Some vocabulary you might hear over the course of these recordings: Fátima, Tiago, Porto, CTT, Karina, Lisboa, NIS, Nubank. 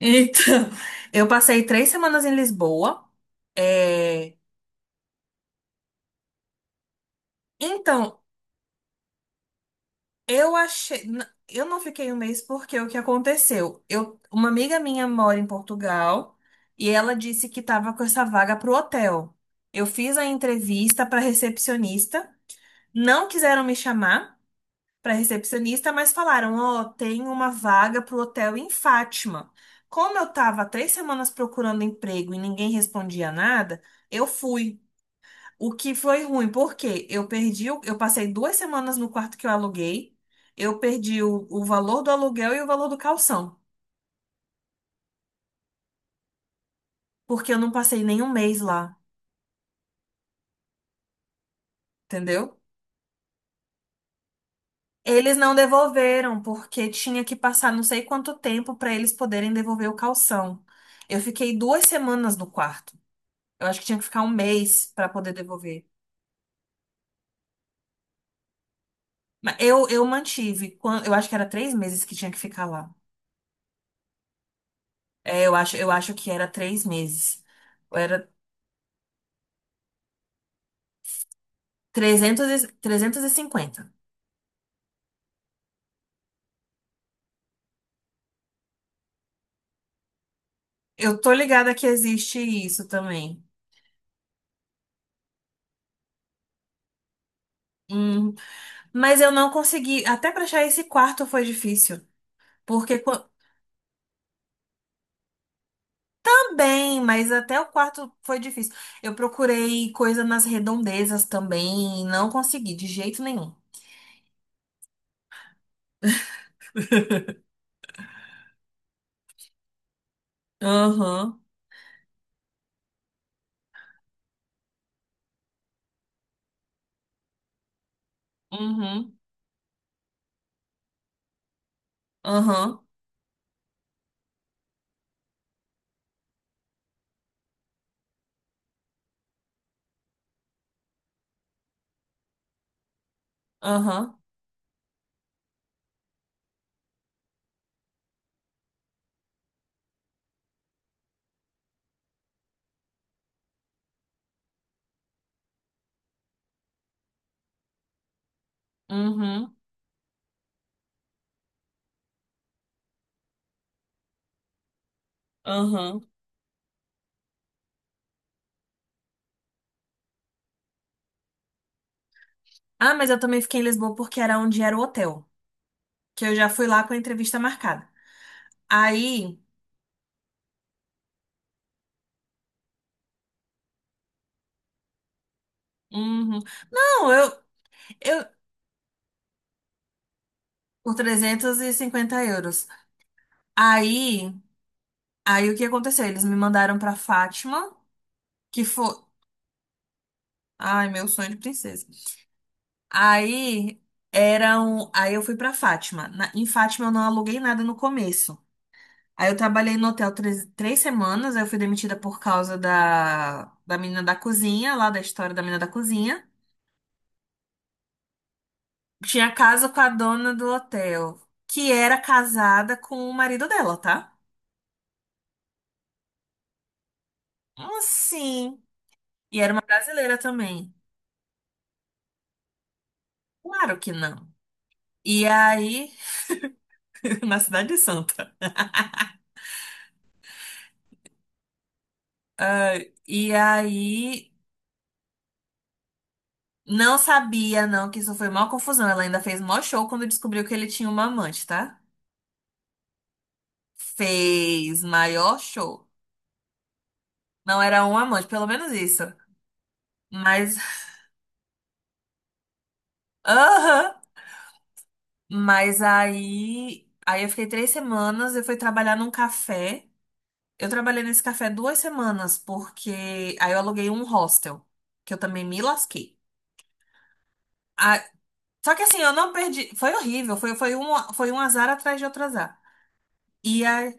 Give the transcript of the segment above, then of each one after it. Então, eu passei 3 semanas em Lisboa. É, então, eu não fiquei um mês porque o que aconteceu? Uma amiga minha mora em Portugal e ela disse que estava com essa vaga para o hotel. Eu fiz a entrevista para recepcionista, não quiseram me chamar para recepcionista, mas falaram: "Ó, tem uma vaga para o hotel em Fátima." Como eu estava 3 semanas procurando emprego e ninguém respondia nada, eu fui. O que foi ruim, porque eu passei 2 semanas no quarto que eu aluguei, eu perdi o valor do aluguel e o valor do calção, porque eu não passei nenhum mês lá, entendeu? Eles não devolveram, porque tinha que passar não sei quanto tempo para eles poderem devolver o calção. Eu fiquei 2 semanas no quarto. Eu acho que tinha que ficar um mês para poder devolver. Mas eu mantive, eu acho que era 3 meses que tinha que ficar lá. É, eu acho que era três meses. Era trezentos e cinquenta. Eu tô ligada que existe isso também. Hum, mas eu não consegui. Até pra achar esse quarto foi difícil. Porque também, mas até o quarto foi difícil. Eu procurei coisa nas redondezas também e não consegui de jeito nenhum. Aham. Uhum. Aham. Aham. Uhum. Aham. Ah, mas eu também fiquei em Lisboa porque era onde era o hotel. Que eu já fui lá com a entrevista marcada. Aí. Uhum. Não, eu, por 350 euros. Aí, aí, o que aconteceu? Eles me mandaram pra Fátima, que foi, ai, meu sonho de princesa. Aí aí eu fui pra Fátima. Em Fátima eu não aluguei nada no começo. Aí eu trabalhei no hotel três semanas, aí eu fui demitida por causa da menina da cozinha, lá da história da menina da cozinha. Tinha casa com a dona do hotel, que era casada com o marido dela, tá? Então, assim. E era uma brasileira também. Claro que não. E aí, na Cidade de Santa. E aí, não sabia, não, que isso foi maior confusão. Ela ainda fez maior show quando descobriu que ele tinha uma amante, tá? Fez maior show. Não era um amante, pelo menos isso. Mas, aham. Mas aí eu fiquei 3 semanas, eu fui trabalhar num café. Eu trabalhei nesse café 2 semanas, porque aí eu aluguei um hostel, que eu também me lasquei. Só que assim, eu não perdi. Foi horrível. Foi um azar atrás de outro azar. E, a,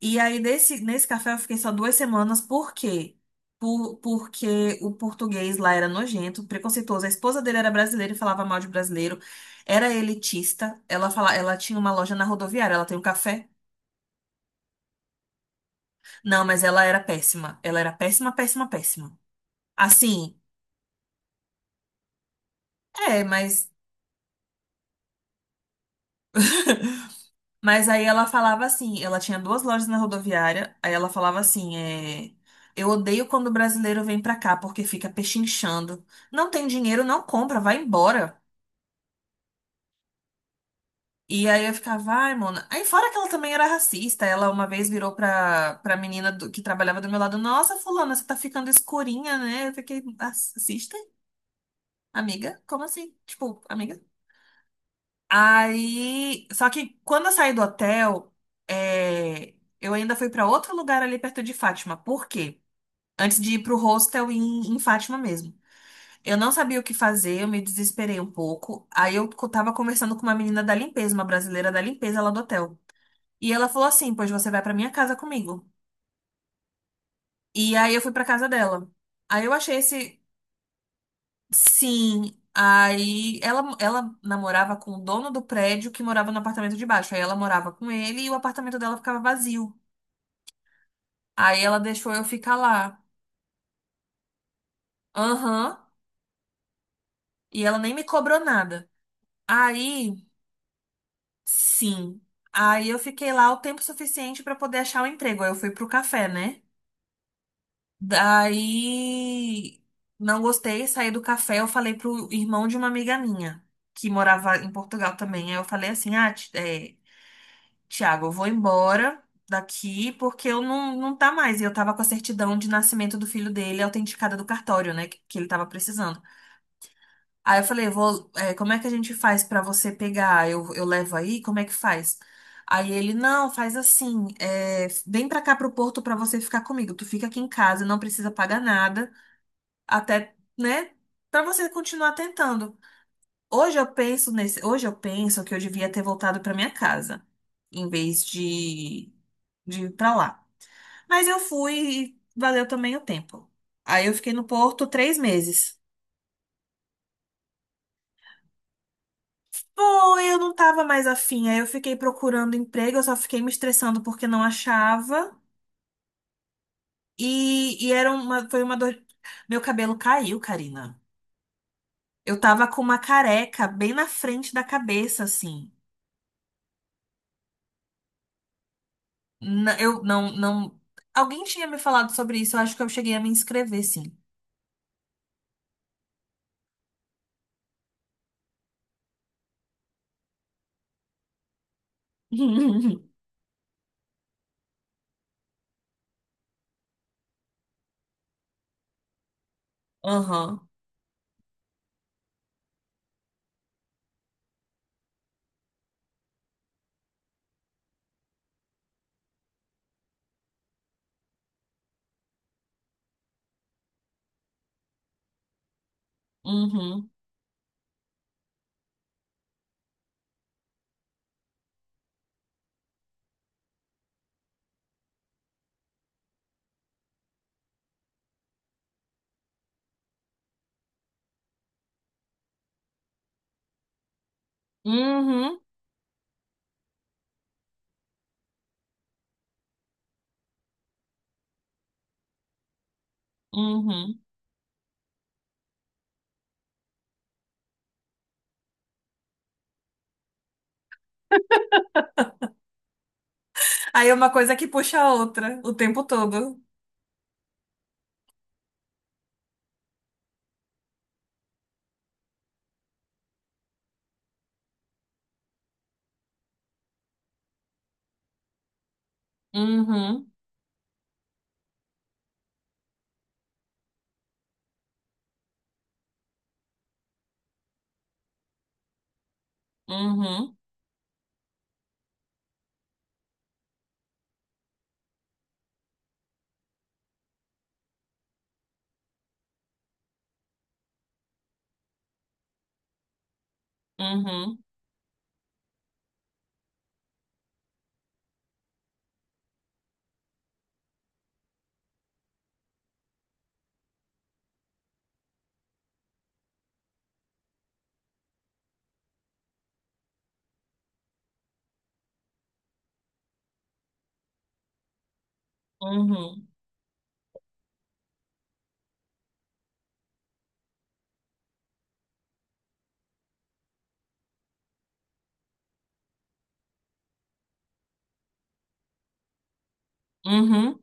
e aí, nesse café, eu fiquei só duas semanas. Por quê? Porque o português lá era nojento, preconceituoso. A esposa dele era brasileira e falava mal de brasileiro. Era elitista. Ela tinha uma loja na rodoviária. Ela tem um café. Não, mas ela era péssima. Ela era péssima, péssima, péssima. Assim, é, mas. Mas aí ela falava assim, ela tinha 2 lojas na rodoviária, aí ela falava assim, eu odeio quando o brasileiro vem pra cá, porque fica pechinchando. Não tem dinheiro, não compra, vai embora. E aí eu ficava, ai, mona. Aí fora que ela também era racista, ela uma vez virou pra menina que trabalhava do meu lado, nossa, fulana, você tá ficando escurinha, né? Eu fiquei, racista? Amiga? Como assim? Tipo, amiga? Aí, só que quando eu saí do hotel, é, eu ainda fui pra outro lugar ali perto de Fátima. Por quê? Antes de ir pro hostel em Fátima mesmo. Eu não sabia o que fazer, eu me desesperei um pouco. Aí eu tava conversando com uma menina da limpeza, uma brasileira da limpeza lá do hotel. E ela falou assim: "Pois você vai pra minha casa comigo". E aí eu fui pra casa dela. Aí eu achei esse Sim, aí ela namorava com o dono do prédio que morava no apartamento de baixo. Aí ela morava com ele e o apartamento dela ficava vazio. Aí ela deixou eu ficar lá. Aham. E ela nem me cobrou nada. Aí, sim. Aí eu fiquei lá o tempo suficiente pra poder achar um emprego. Aí eu fui pro café, né? Daí não gostei, saí do café. Eu falei pro irmão de uma amiga minha que morava em Portugal também. Aí eu falei assim: ah, Tiago, eu vou embora daqui porque eu não, não tá mais. E eu tava com a certidão de nascimento do filho dele autenticada do cartório, né? Que ele tava precisando. Aí eu falei, como é que a gente faz pra você pegar? Eu levo aí? Como é que faz? Aí ele, não, faz assim, vem pra cá pro Porto pra você ficar comigo. Tu fica aqui em casa, não precisa pagar nada, até, né? Pra você continuar tentando. Hoje eu penso que eu devia ter voltado pra minha casa, em vez de ir pra lá. Mas eu fui e valeu também o tempo. Aí eu fiquei no Porto 3 meses. Pô, eu não tava mais afim. Aí eu fiquei procurando emprego, eu só fiquei me estressando porque não achava. E foi uma dor. Meu cabelo caiu, Karina. Eu tava com uma careca bem na frente da cabeça, assim. Eu não, não. Alguém tinha me falado sobre isso, eu acho que eu cheguei a me inscrever, sim. Aham. Uhum. Uhum. Uhum. Uhum. Aí é uma coisa que puxa a outra o tempo todo. Uhum. Uhum. Uhum. Uhum. Uhum.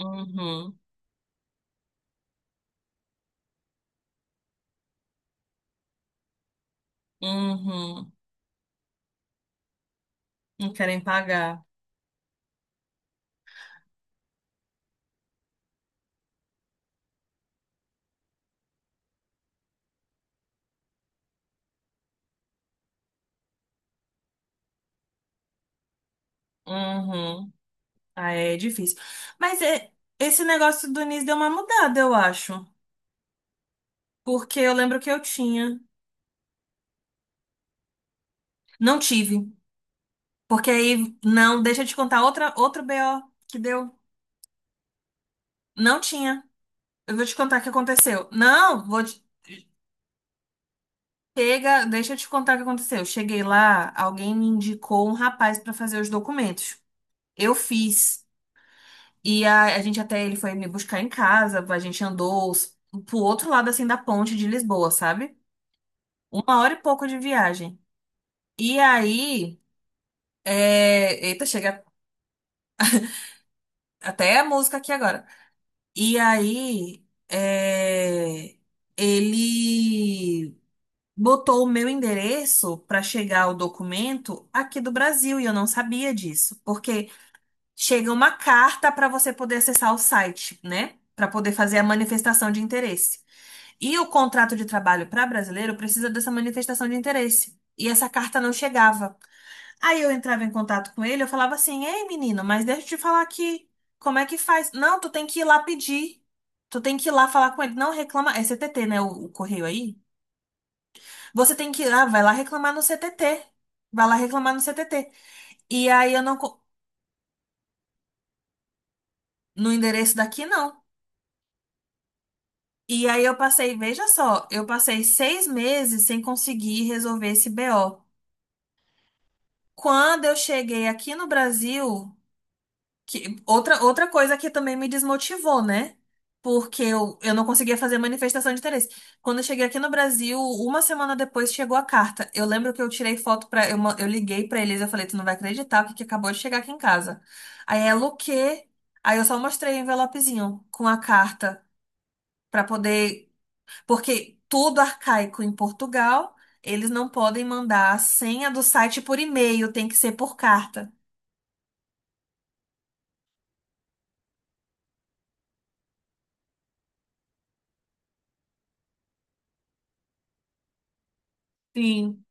Uhum. Uhum. Não querem pagar. Uhum. Aí é difícil. Mas esse negócio do NIS deu uma mudada, eu acho. Porque eu lembro que eu tinha. Não tive. Porque aí, não, deixa eu te contar outra, outro BO que deu. Não tinha. Eu vou te contar o que aconteceu. Não, vou te. Chega, deixa eu te contar o que aconteceu. Eu cheguei lá, alguém me indicou um rapaz para fazer os documentos. Eu fiz. E a gente até ele foi me buscar em casa, a gente andou pro outro lado assim da ponte de Lisboa, sabe? Uma hora e pouco de viagem. E aí, eita, chega até a música aqui agora. E aí, ele botou o meu endereço para chegar o documento aqui do Brasil e eu não sabia disso, porque chega uma carta para você poder acessar o site, né? Para poder fazer a manifestação de interesse. E o contrato de trabalho para brasileiro precisa dessa manifestação de interesse. E essa carta não chegava. Aí eu entrava em contato com ele, eu falava assim: "Ei, menino, mas deixa eu te falar aqui. Como é que faz?" Não, tu tem que ir lá pedir. Tu tem que ir lá falar com ele. Não reclama. É CTT, né? O correio aí. Você tem que ir lá, vai lá reclamar no CTT. Vai lá reclamar no CTT. E aí eu não. No endereço daqui, não. E aí eu passei, veja só, eu passei 6 meses sem conseguir resolver esse BO. Quando eu cheguei aqui no Brasil, que, outra coisa que também me desmotivou, né? Porque eu não conseguia fazer manifestação de interesse. Quando eu cheguei aqui no Brasil, uma semana depois chegou a carta. Eu lembro que eu tirei foto pra. Eu liguei pra eles, eu falei, tu não vai acreditar o que que acabou de chegar aqui em casa. Aí ela, o quê? Aí eu só mostrei o envelopezinho com a carta pra poder. Porque tudo arcaico em Portugal, eles não podem mandar a senha do site por e-mail, tem que ser por carta. Sim.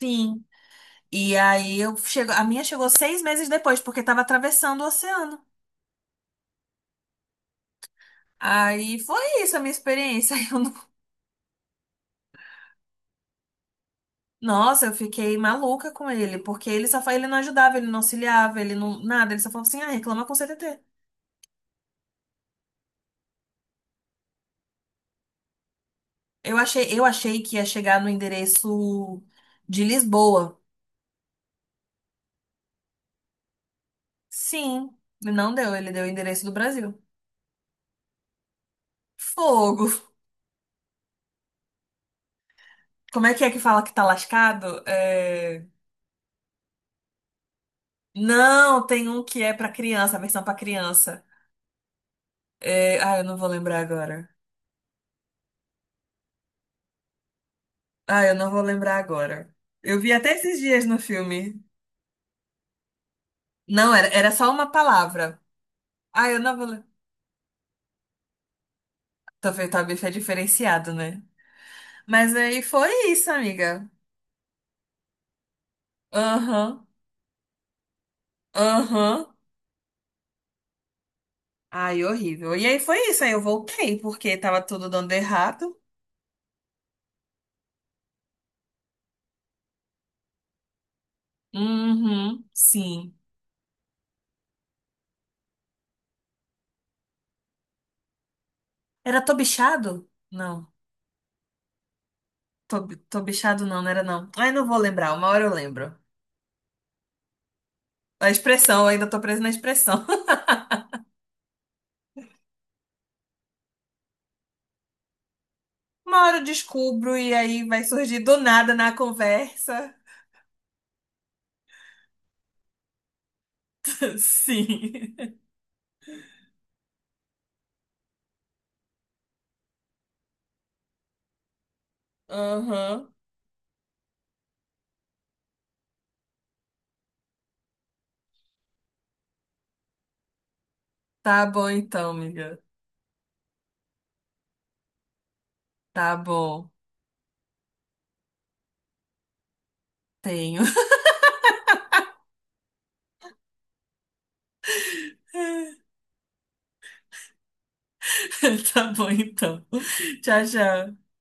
Sim. E aí eu chego, a minha chegou 6 meses depois, porque estava atravessando o oceano. Aí foi isso a minha experiência. Eu não. Nossa, eu fiquei maluca com ele, porque ele não ajudava, ele não auxiliava, ele não nada, ele só falava assim: "Ah, reclama com o CTT". Eu achei que ia chegar no endereço de Lisboa. Sim, não deu, ele deu o endereço do Brasil. Fogo. Como é que fala que tá lascado? É, não, tem um que é pra criança, a versão pra criança. É, ah, eu não vou lembrar agora. Ah, eu não vou lembrar agora. Eu vi até esses dias no filme. Não, era só uma palavra. Ah, eu não vou lembrar. Talvez tá bife é diferenciado, né? Mas aí foi isso, amiga. Aham. Aham. Ai, horrível. E aí foi isso, aí eu voltei, porque tava tudo dando errado. Uhum, sim. Era tô bichado? Não. Tô bichado não, não era não. Ai, não vou lembrar, uma hora eu lembro. A expressão, eu ainda tô presa na expressão. Uma hora eu descubro e aí vai surgir do nada na conversa. Sim. Aham. Tá bom então, amiga. Tá bom. Tenho. Tá bom então. Tchau, tchau.